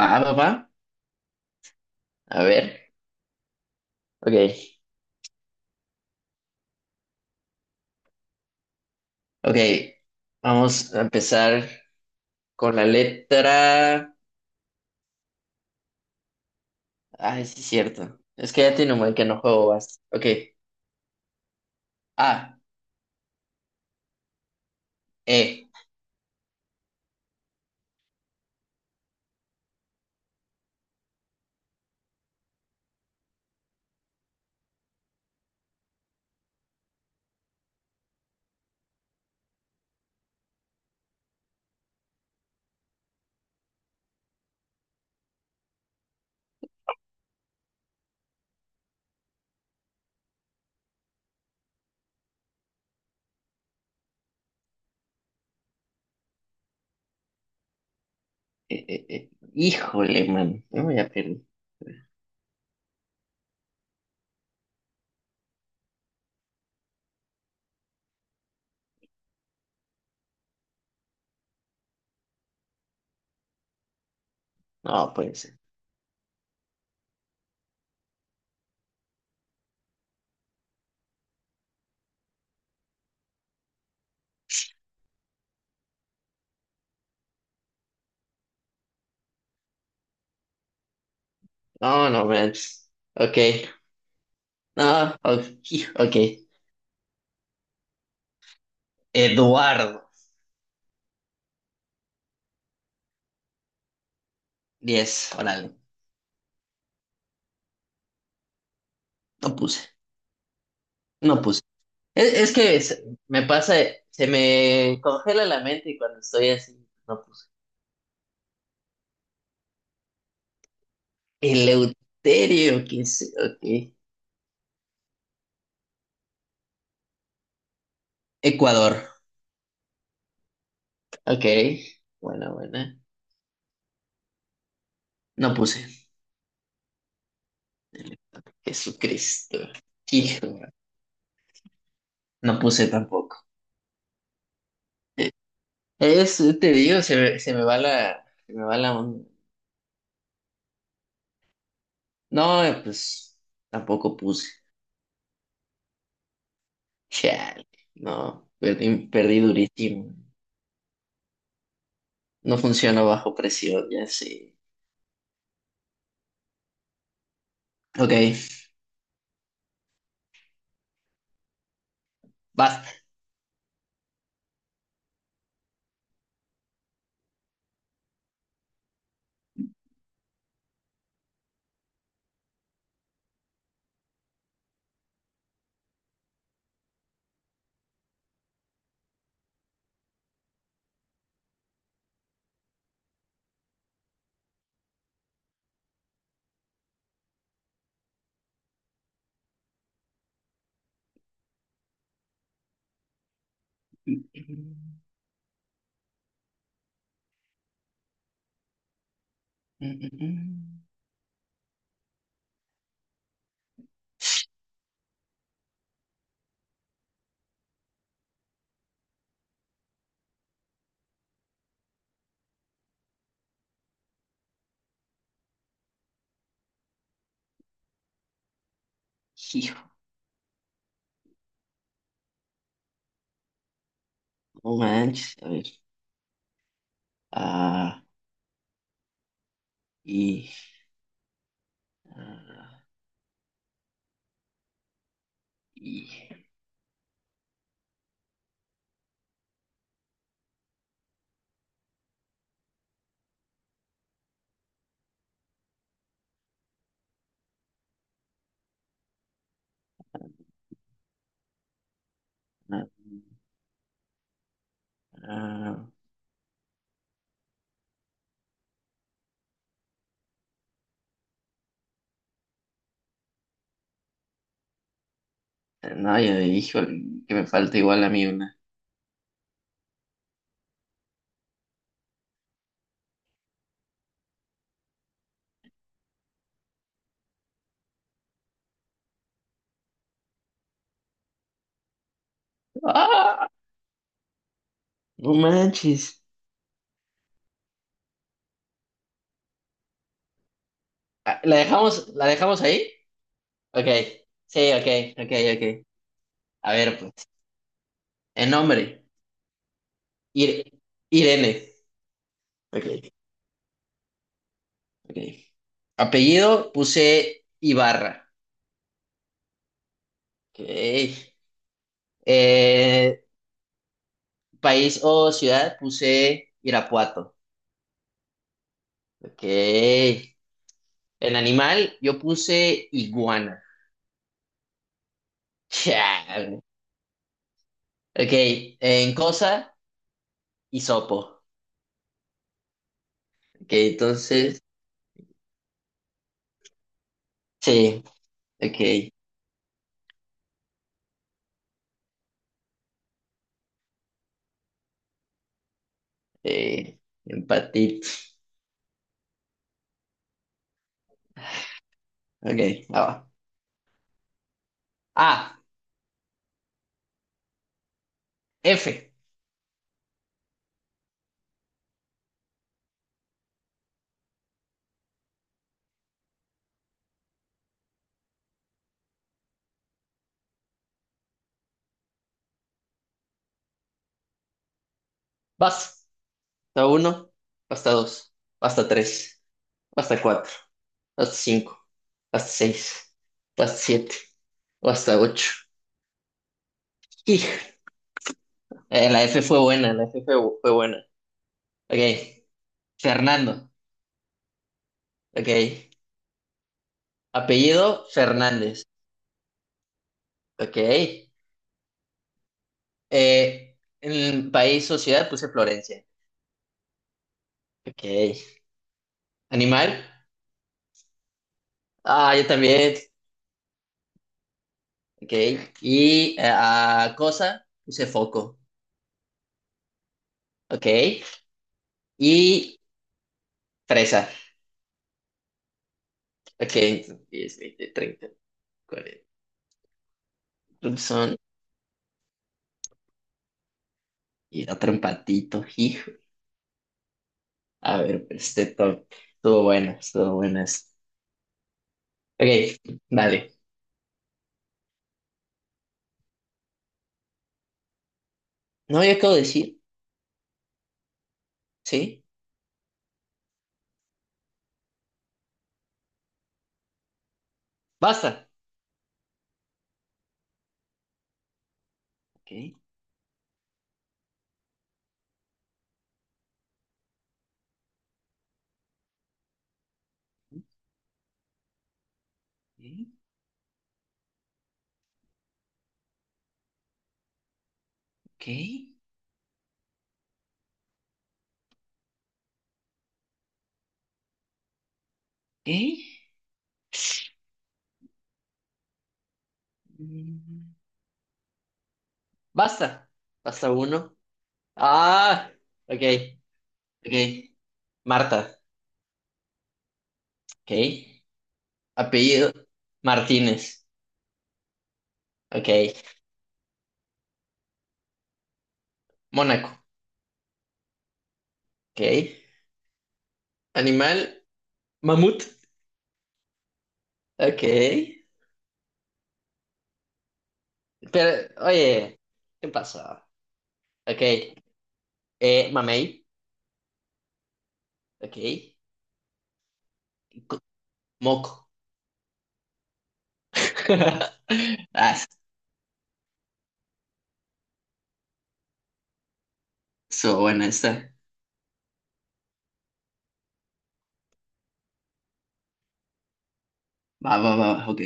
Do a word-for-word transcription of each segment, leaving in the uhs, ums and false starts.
Va, va, va. A ver. Ok. Ok. Vamos a empezar con la letra. Ay, sí, es cierto. Es que ya tiene un buen que no juego basta. Ok. A, E. Eh, eh, eh. Híjole, man. No, ya perdí. No, puede ser. No, no, man. Ok. No, ok. ok. Eduardo. Diez. Órale. No puse. No puse. Es, es que se- me pasa, se me congela la mente y cuando estoy así. No puse. Eleuterio, que es, ok. Ecuador, ok. Buena, buena. No puse. Jesucristo. Hijo, no puse tampoco. Eh, Es, te digo, se, me- se me va la, se me va la on-. No, eh, pues tampoco puse. Chale, no, perdí, perdí durísimo. No funciona bajo presión, ya sé. Ok, basta. Hijo, no manches, a ver. Ah. Y, ah, y, ah, ah, no, yo dijo que me falta igual a mí una. ¡Ah! No manches. Ah, ¿La dejamos, la dejamos ahí? Ok. Sí, ok, ok, ok. A ver, pues. El nombre. Ir- Irene. Ok, ok. Apellido puse Ibarra. Ok. Eh, País o ciudad puse Irapuato. Ok. En animal yo puse iguana. Chan. Ok, en cosa, hisopo. Ok, entonces, sí, ok. Eh, Empatito. Ok, ah, va. Ah, F. Vas. Hasta uno, hasta dos, hasta tres, hasta cuatro, hasta cinco, hasta seis, hasta siete, o hasta ocho. Hij. Eh, la F fue buena, la F fue, fue buena. Ok, Fernando. Ok, apellido Fernández. Ok. Eh, en el país, sociedad, puse Florencia. Ok. Animal. Ah, yo también. Ok. Y eh, ah, cosa, puse foco. Ok. Y fresa. Ok. Entonces, diez, veinte, treinta, cuarenta. Son. Y otro empatito, hijo. A ver, pues, este top. Estuvo bueno, estuvo buenas. Ok, dale. No, yo acabo de decir. Sí. Basta. Ok. Ok. Ok. ok. Mm. Basta. Basta uno. Ah, ok, ok. Marta, ok. Apellido, Martínez, ok. Mónaco, ok. Animal, mamut, ok. Pero, oye, ¿qué pasa? Ok. Eh, mamey, ok. Co- Moco. Ah, so buena está. Va, va, va, va, ok.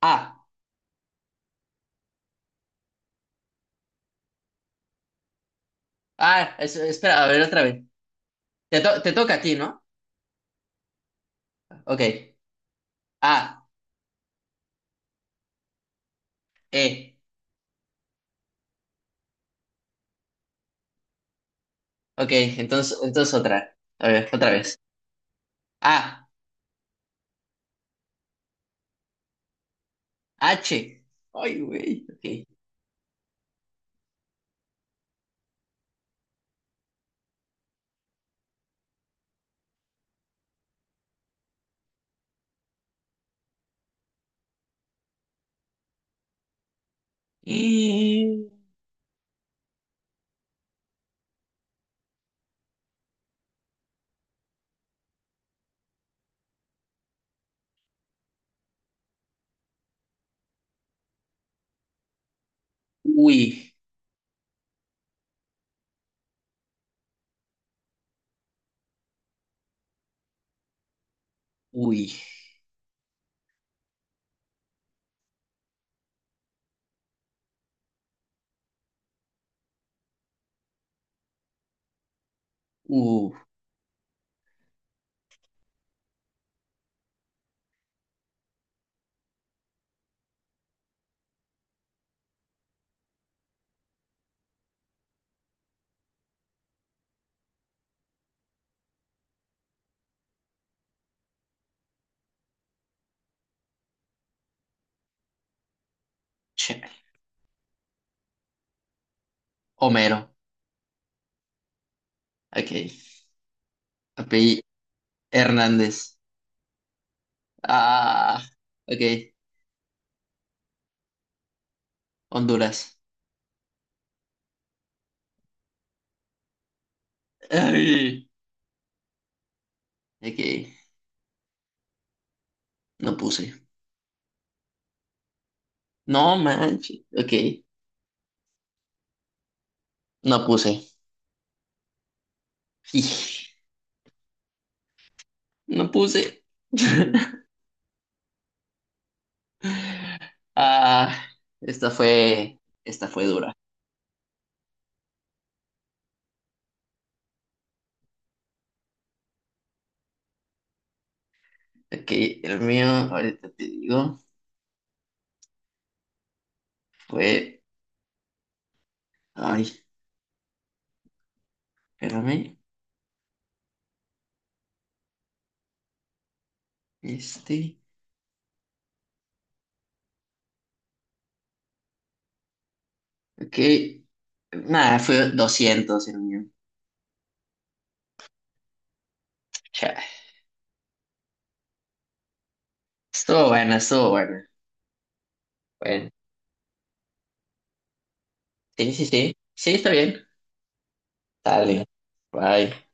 Ah, ah, Eso espera, a ver otra vez. Te, to- te toca a ti, ¿no? Ok. Ah, eh. Ok, entonces, entonces otra. A ver, otra vez. A, H. Ay, güey. Ok. Y... Uy, uy, uh, che. Homero. Ok. Apellido Hernández. Ah, ok. Honduras. Ay, ok. No puse. No manches. Ok. No puse. Ij, No puse. Ah, esta fue, esta fue dura. Ok, el mío, ahorita te digo, fue. Ay, espérame. Este. Ok. Nada, fue doscientos el mío. Chale. Estuvo buena, estuvo buena. Bueno, sí, sí, sí. Sí, está bien. Dale. Bye.